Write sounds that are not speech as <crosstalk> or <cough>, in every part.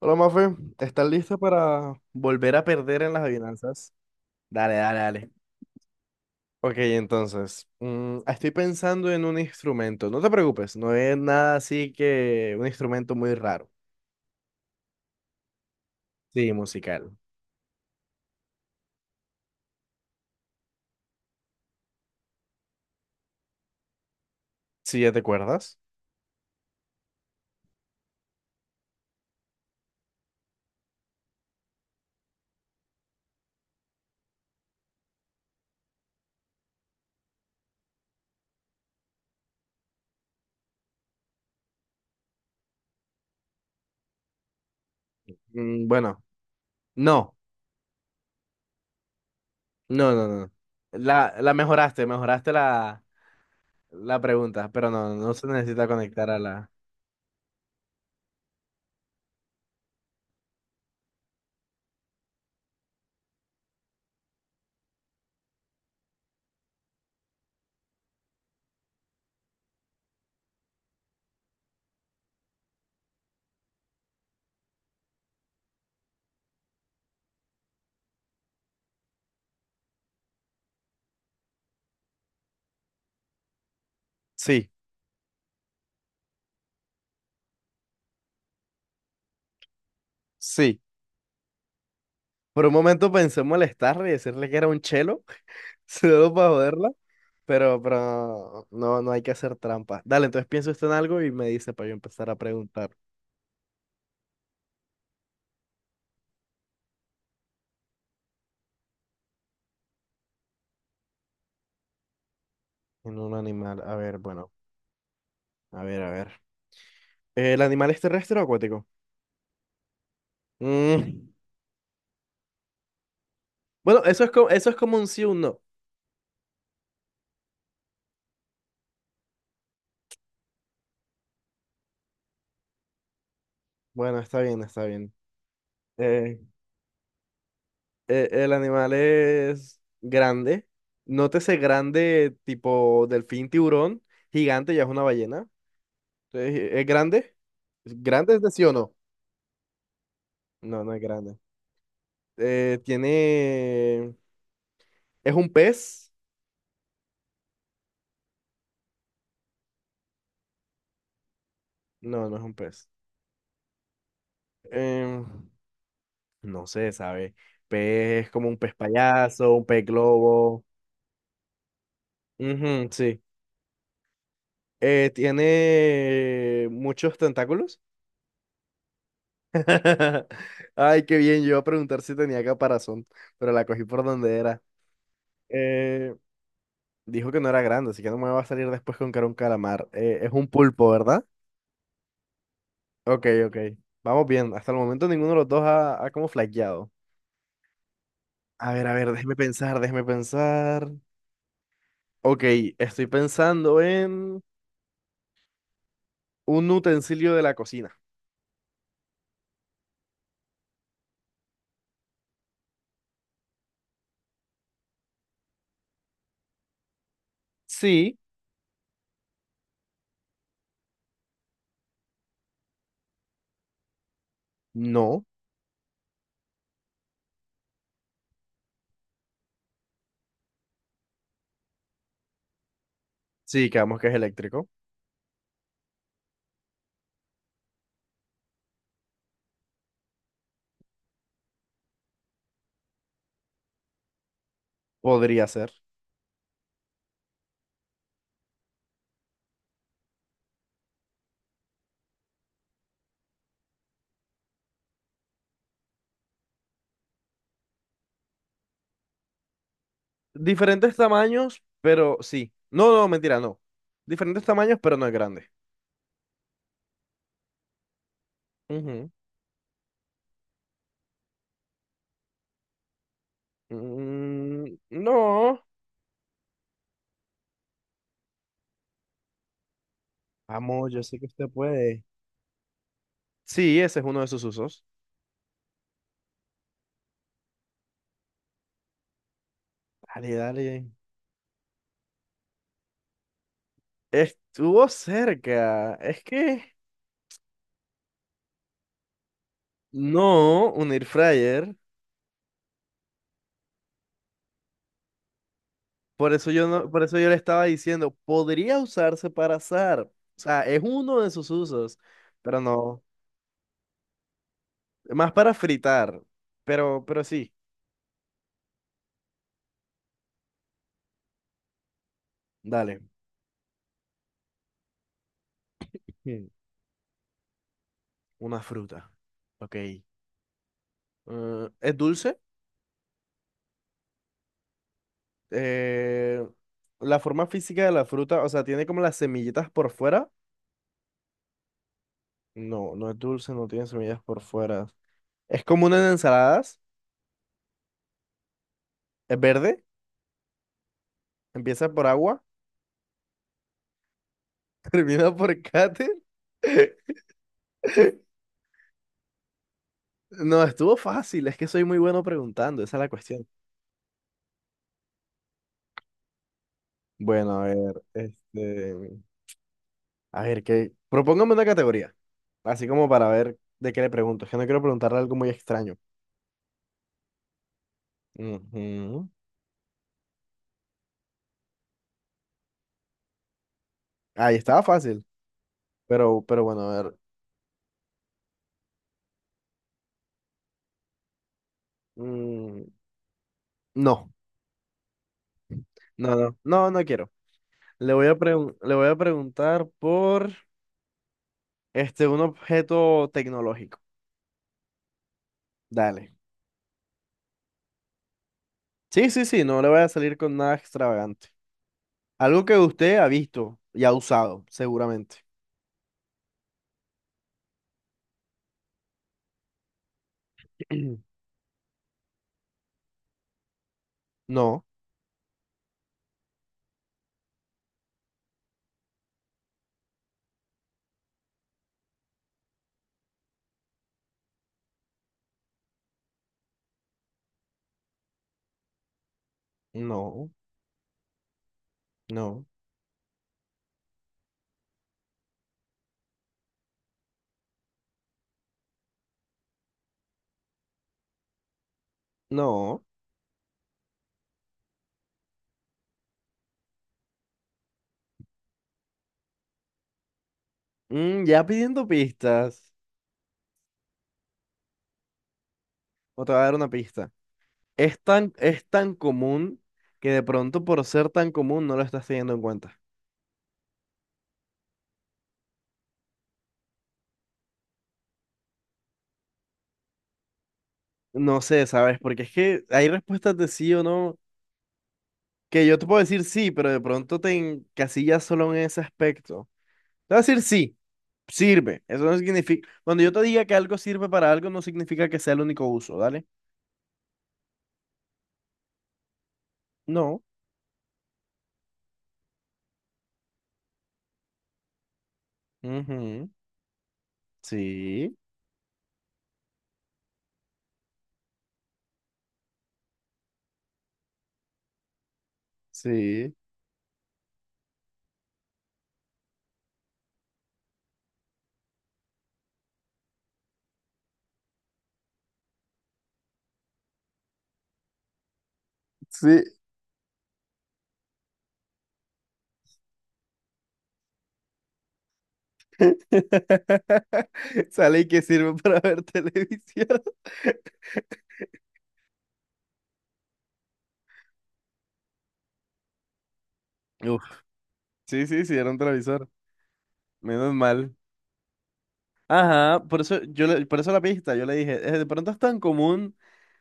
Hola, Mafe, ¿estás lista para volver a perder en las adivinanzas? Dale, dale, dale. Ok, entonces, estoy pensando en un instrumento. No te preocupes, no es nada así que un instrumento muy raro. Sí, musical. Sí, ¿ya te acuerdas? Mm, bueno, no, no, no, no. La mejoraste, mejoraste la pregunta, pero no, no se necesita conectar a la... Sí, sí. Por un momento pensé en molestarle y decirle que era un chelo, <laughs> solo para joderla. Pero no, no hay que hacer trampa. Dale, entonces piensa usted en algo y me dice para yo empezar a preguntar. En un animal, a ver, bueno, a ver, a ver. ¿El animal es terrestre o acuático? Mm, bueno, eso es como un sí o un no. Bueno, está bien, está bien. Eh, eh, el animal es grande. Nótese grande, tipo delfín, tiburón, gigante, ya es una ballena. Entonces, ¿es grande? ¿Grande es de sí o no? No, no es grande. Tiene... ¿Es un pez? No, no es un pez. Em, no sé, ¿sabe? Pez es como un pez payaso, un pez globo. Ujú, sí. ¿Tiene muchos tentáculos? <laughs> Ay, qué bien. Yo iba a preguntar si tenía caparazón, pero la cogí por donde era. Eh, dijo que no era grande, así que no me va a salir después con que era un calamar. Es un pulpo, ¿verdad? Ok, ok. Vamos bien. Hasta el momento ninguno de los dos ha, ha como flaqueado. A ver, déjeme pensar, déjeme pensar. Ok, estoy pensando en un utensilio de la cocina. Sí, no, sí, quedamos que es eléctrico. Podría ser. Diferentes tamaños, pero sí. No, no, mentira, no. Diferentes tamaños, pero no es grande. Ujú. Mm, no. Vamos, yo sé que usted puede. Sí, ese es uno de sus usos. Dale, dale. Estuvo cerca. Es que no, un air fryer. Por eso yo no, por eso yo le estaba diciendo, podría usarse para asar. O sea, es uno de sus usos, pero no. Más para fritar. Pero sí, dale. Hmm, una fruta. Ok. ¿Es dulce? Eh, la forma física de la fruta, o sea, tiene como las semillitas por fuera. No, no es dulce, no tiene semillas por fuera. Es común en ensaladas. Es verde. Empieza por agua. <laughs> Termina por cate. <laughs> No, estuvo fácil, es que soy muy bueno preguntando, esa es la cuestión. Bueno, a ver, este, a ver, que propóngame una categoría, así como para ver de qué le pregunto, es que no quiero preguntarle algo muy extraño. Ujú. Ahí estaba fácil, pero bueno, a ver, mm, no, no, no, no, no quiero. Le voy a preguntar por, este, un objeto tecnológico. Dale. Sí, sí, sí, no le voy a salir con nada extravagante. Algo que usted ha visto y ha usado, seguramente. <clears throat> No, no, no, no. Mm, ya pidiendo pistas. O te voy a dar una pista. Es tan común que de pronto por ser tan común no lo estás teniendo en cuenta. No sé, ¿sabes? Porque es que hay respuestas de sí o no que yo te puedo decir sí, pero de pronto te encasillas solo en ese aspecto. Te voy a decir sí, sirve. Eso no significa... Cuando yo te diga que algo sirve para algo, no significa que sea el único uso, ¿dale? No. Ujú. Sí, sí. Sí, <laughs> sale y que sirve para ver <laughs> televisión. Uf, sí, sí, sí, era un televisor. Menos mal. Ajá, por eso, por eso la pista, yo le dije, de pronto es tan común,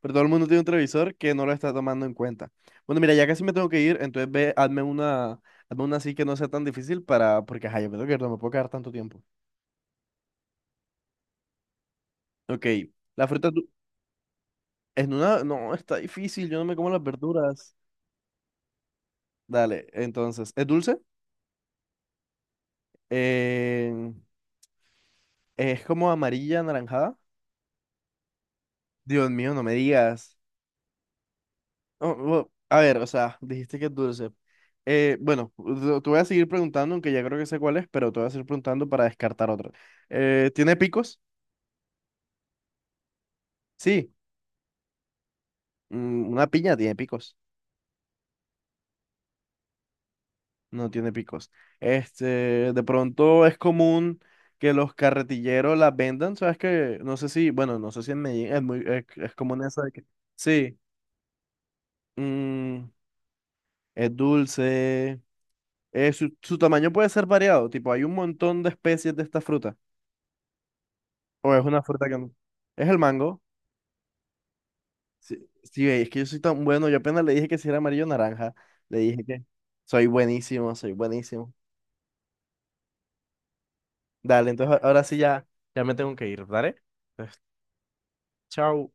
pero todo el mundo tiene un televisor que no lo está tomando en cuenta. Bueno, mira, ya casi me tengo que ir, entonces ve, hazme una así que no sea tan difícil para, porque ajá, yo me tengo que ir, no me puedo quedar tanto tiempo. Ok, la fruta du- es una, no, está difícil, yo no me como las verduras. Dale, entonces, ¿es dulce? Eh, Es como amarilla, anaranjada. Dios mío, no me digas. Oh, oh, a ver, o sea, dijiste que es dulce. Bueno, te voy a seguir preguntando, aunque ya creo que sé cuál es, pero te voy a seguir preguntando para descartar otra. ¿Tiene picos? Sí. Mm, una piña tiene picos. No tiene picos. Este, de pronto es común que los carretilleros las vendan, ¿sabes que no sé si, bueno, no sé si en Medellín es muy, es común eso de que... Sí, mm, es dulce. Su, su tamaño puede ser variado, tipo, hay un montón de especies de esta fruta. O es una fruta que no. Es el mango. Sí, sí, es que yo soy tan bueno. Yo apenas le dije que si era amarillo o naranja. Le dije que soy buenísimo, soy buenísimo. Dale, entonces ahora sí ya, ya me tengo que ir, ¿vale? Entonces, chao.